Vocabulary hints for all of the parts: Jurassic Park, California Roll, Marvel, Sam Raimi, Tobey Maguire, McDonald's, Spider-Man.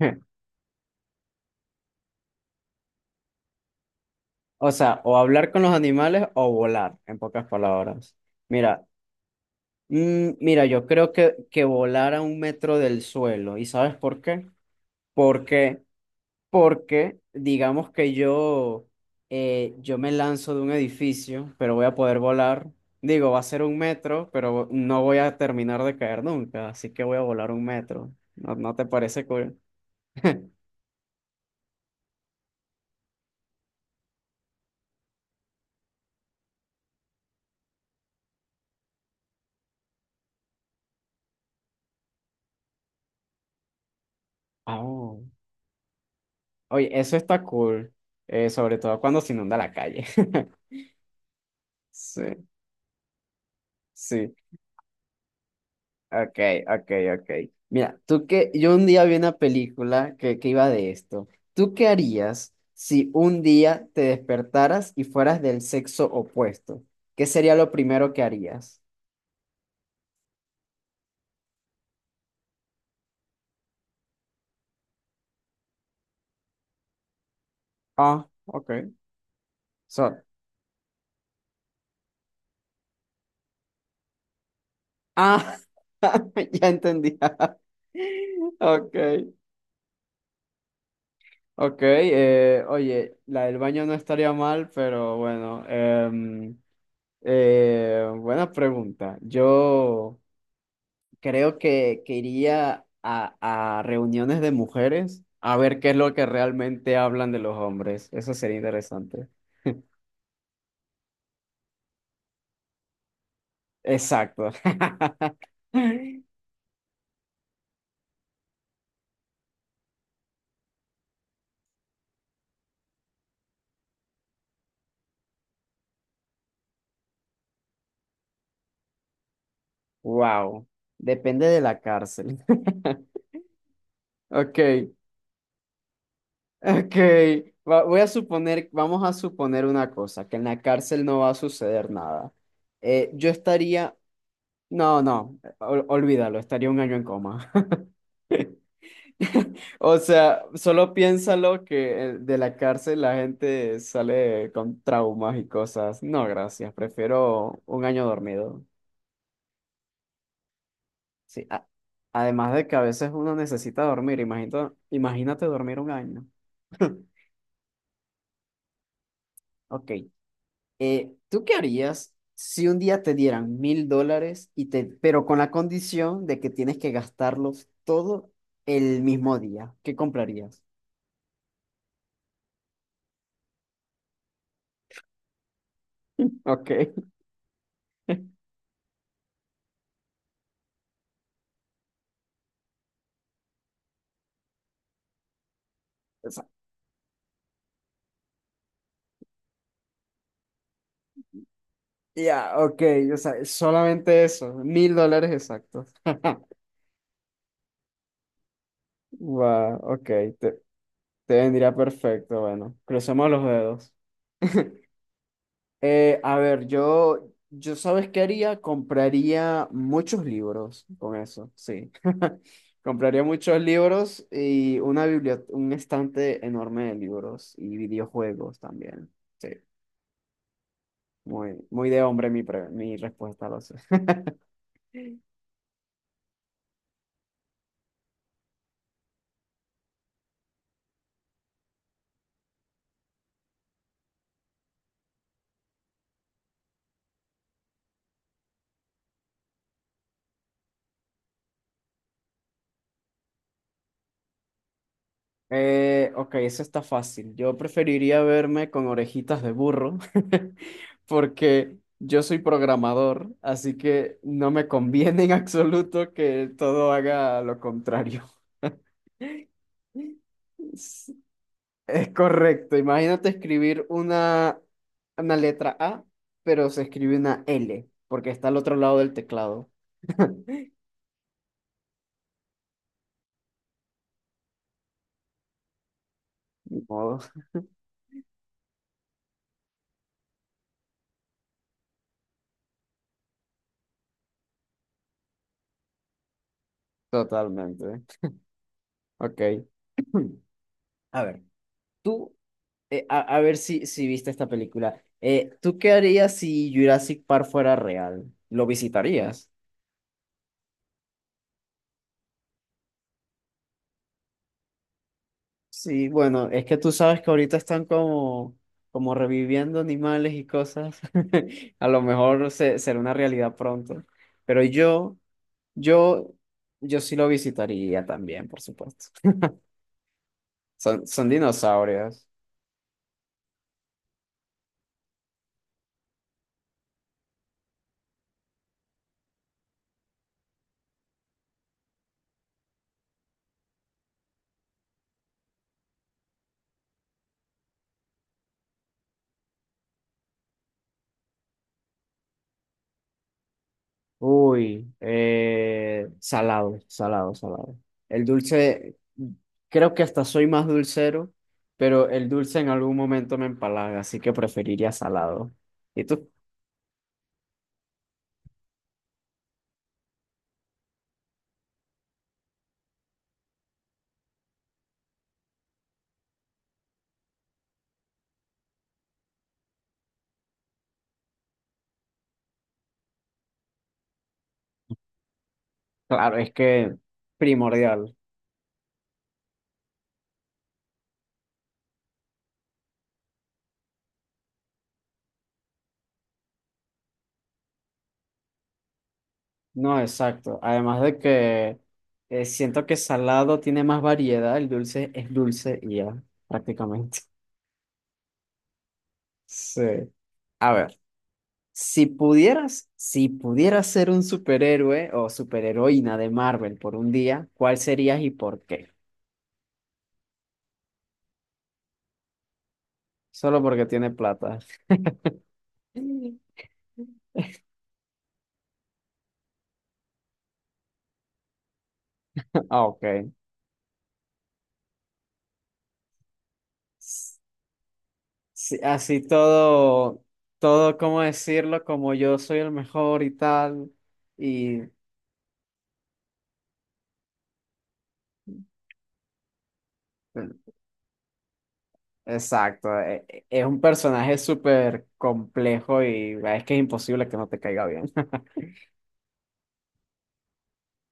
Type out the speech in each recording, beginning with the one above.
O sea, o hablar con los animales o volar, en pocas palabras. Mira, mira, yo creo que volar a un metro del suelo. ¿Y sabes por qué? Porque, porque digamos que yo me lanzo de un edificio, pero voy a poder volar. Digo, va a ser un metro, pero no voy a terminar de caer nunca, así que voy a volar un metro. ¿No te parece cool? Ah, oh. Oye, eso está cool, sobre todo cuando se inunda la calle. Sí. Sí, ok, ok, ok. Mira, tú que yo un día vi una película que iba de esto. ¿Tú qué harías si un día te despertaras y fueras del sexo opuesto? ¿Qué sería lo primero que harías? Ah, ok. So- ah, ya entendí. Ok, ok. Oye, la del baño no estaría mal, pero bueno. Buena pregunta. Yo. Creo que iría a reuniones de mujeres a ver qué es lo que realmente hablan de los hombres. Eso sería interesante. Exacto. Wow. Depende de la cárcel. Ok, ok. Voy a suponer, vamos a suponer una cosa, que en la cárcel no va a suceder nada. Yo estaría, no, no, olvídalo, estaría un año en coma. O sea, solo piénsalo que de la cárcel la gente sale con traumas y cosas. No, gracias, prefiero un año dormido. Sí, además de que a veces uno necesita dormir, imagínate, imagínate dormir un año. Ok, ¿tú qué harías si un día te dieran 1000 dólares y pero con la condición de que tienes que gastarlos todo el mismo día? ¿Qué comprarías? Ok. Ya, ok, o sea, solamente eso, 1000 dólares exactos. Wow, ok, te, te vendría perfecto. Bueno, crucemos los dedos. A ver, yo ¿sabes qué haría? Compraría muchos libros con eso, sí. Compraría muchos libros y una biblioteca, un estante enorme de libros y videojuegos también. Sí, muy, muy de hombre mi, mi respuesta, lo sé. Ok, eso está fácil. Yo preferiría verme con orejitas de burro porque yo soy programador, así que no me conviene en absoluto que todo haga lo contrario. Es es correcto. Imagínate escribir una letra A, pero se escribe una L porque está al otro lado del teclado. Ni modo. Totalmente. Ok. A ver, tú a ver si viste esta película. ¿Tú qué harías si Jurassic Park fuera real? ¿Lo visitarías? Sí, bueno, es que tú sabes que ahorita están como, reviviendo animales y cosas. A lo mejor será una realidad pronto. Pero yo, yo sí lo visitaría también, por supuesto. Son dinosaurios. Uy, salado, salado, salado. El dulce, creo que hasta soy más dulcero, pero el dulce en algún momento me empalaga, así que preferiría salado. Y tú, claro, es que primordial. No, exacto. Además de que siento que salado tiene más variedad, el dulce es dulce y ya, prácticamente. Sí. A ver. Si pudieras, si pudieras ser un superhéroe o superheroína de Marvel por un día, ¿cuál serías y por qué? Solo porque tiene plata. Ah, ok. S- sí, así todo, todo, ¿cómo decirlo? Como yo soy el mejor y tal. Y exacto, es un personaje súper complejo y es que es imposible que no te caiga bien.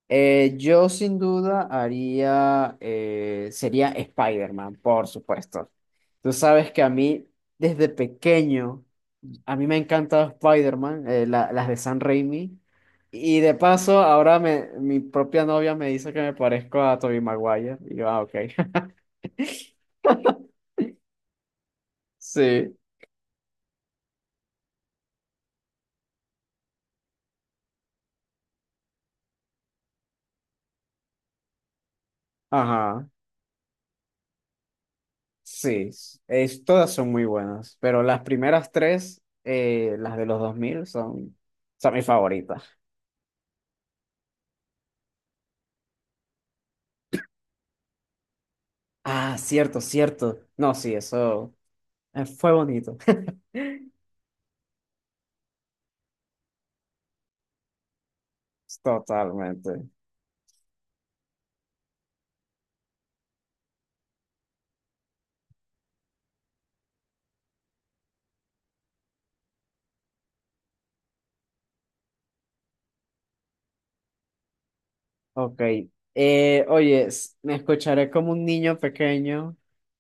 Yo sin duda haría, sería Spider-Man, por supuesto. Tú sabes que a mí, desde pequeño, a mí me ha encantado Spider-Man, las de San Raimi. Y de paso, ahora mi propia novia me dice que me parezco a Tobey Maguire. Y yo, ah, ok. Sí, ajá, sí. Es, todas son muy buenas, pero las primeras tres, las de los 2000 son, son mis favoritas. Ah, cierto, cierto. No, sí, eso fue bonito. Totalmente. Ok. Oye, me escucharé como un niño pequeño,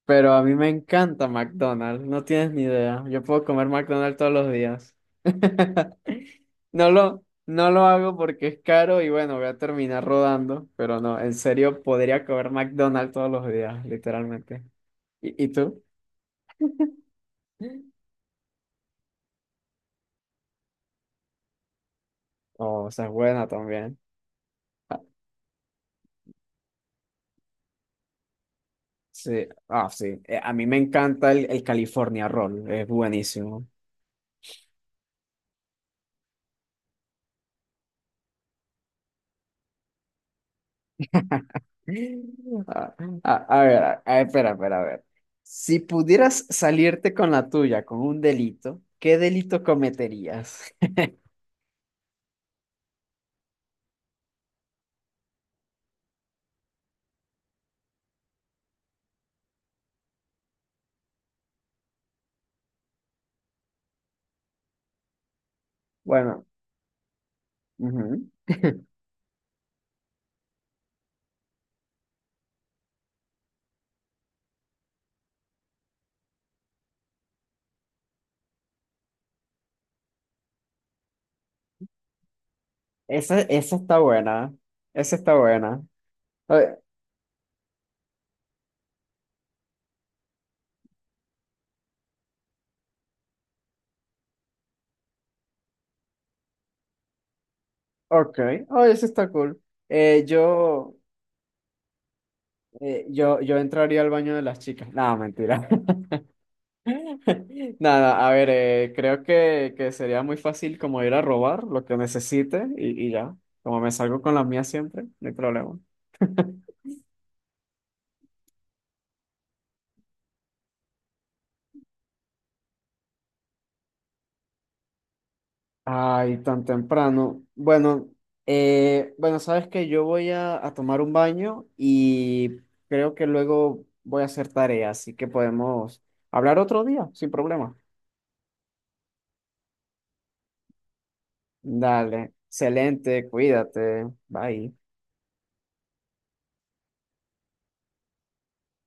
pero a mí me encanta McDonald's. No tienes ni idea. Yo puedo comer McDonald's todos los días. No lo hago porque es caro y bueno, voy a terminar rodando, pero no, en serio, podría comer McDonald's todos los días, literalmente. Y tú? Oh, o sea, es buena también. Sí, ah, sí. A mí me encanta el California Roll, es buenísimo. Ah, ah, a ver, espera, espera, a ver. Si pudieras salirte con la tuya con un delito, ¿qué delito cometerías? Bueno, ujú. Esa está buena. Esa está buena. Eh, ok, oh, esa está cool. Eh, yo, yo entraría al baño de las chicas. No, mentira. Nada, a ver, creo que sería muy fácil como ir a robar lo que necesite y ya. Como me salgo con la mía siempre, no hay problema. Ay, tan temprano. Bueno, bueno, sabes que yo voy a tomar un baño y creo que luego voy a hacer tarea, así que podemos hablar otro día, sin problema. Dale, excelente, cuídate, bye.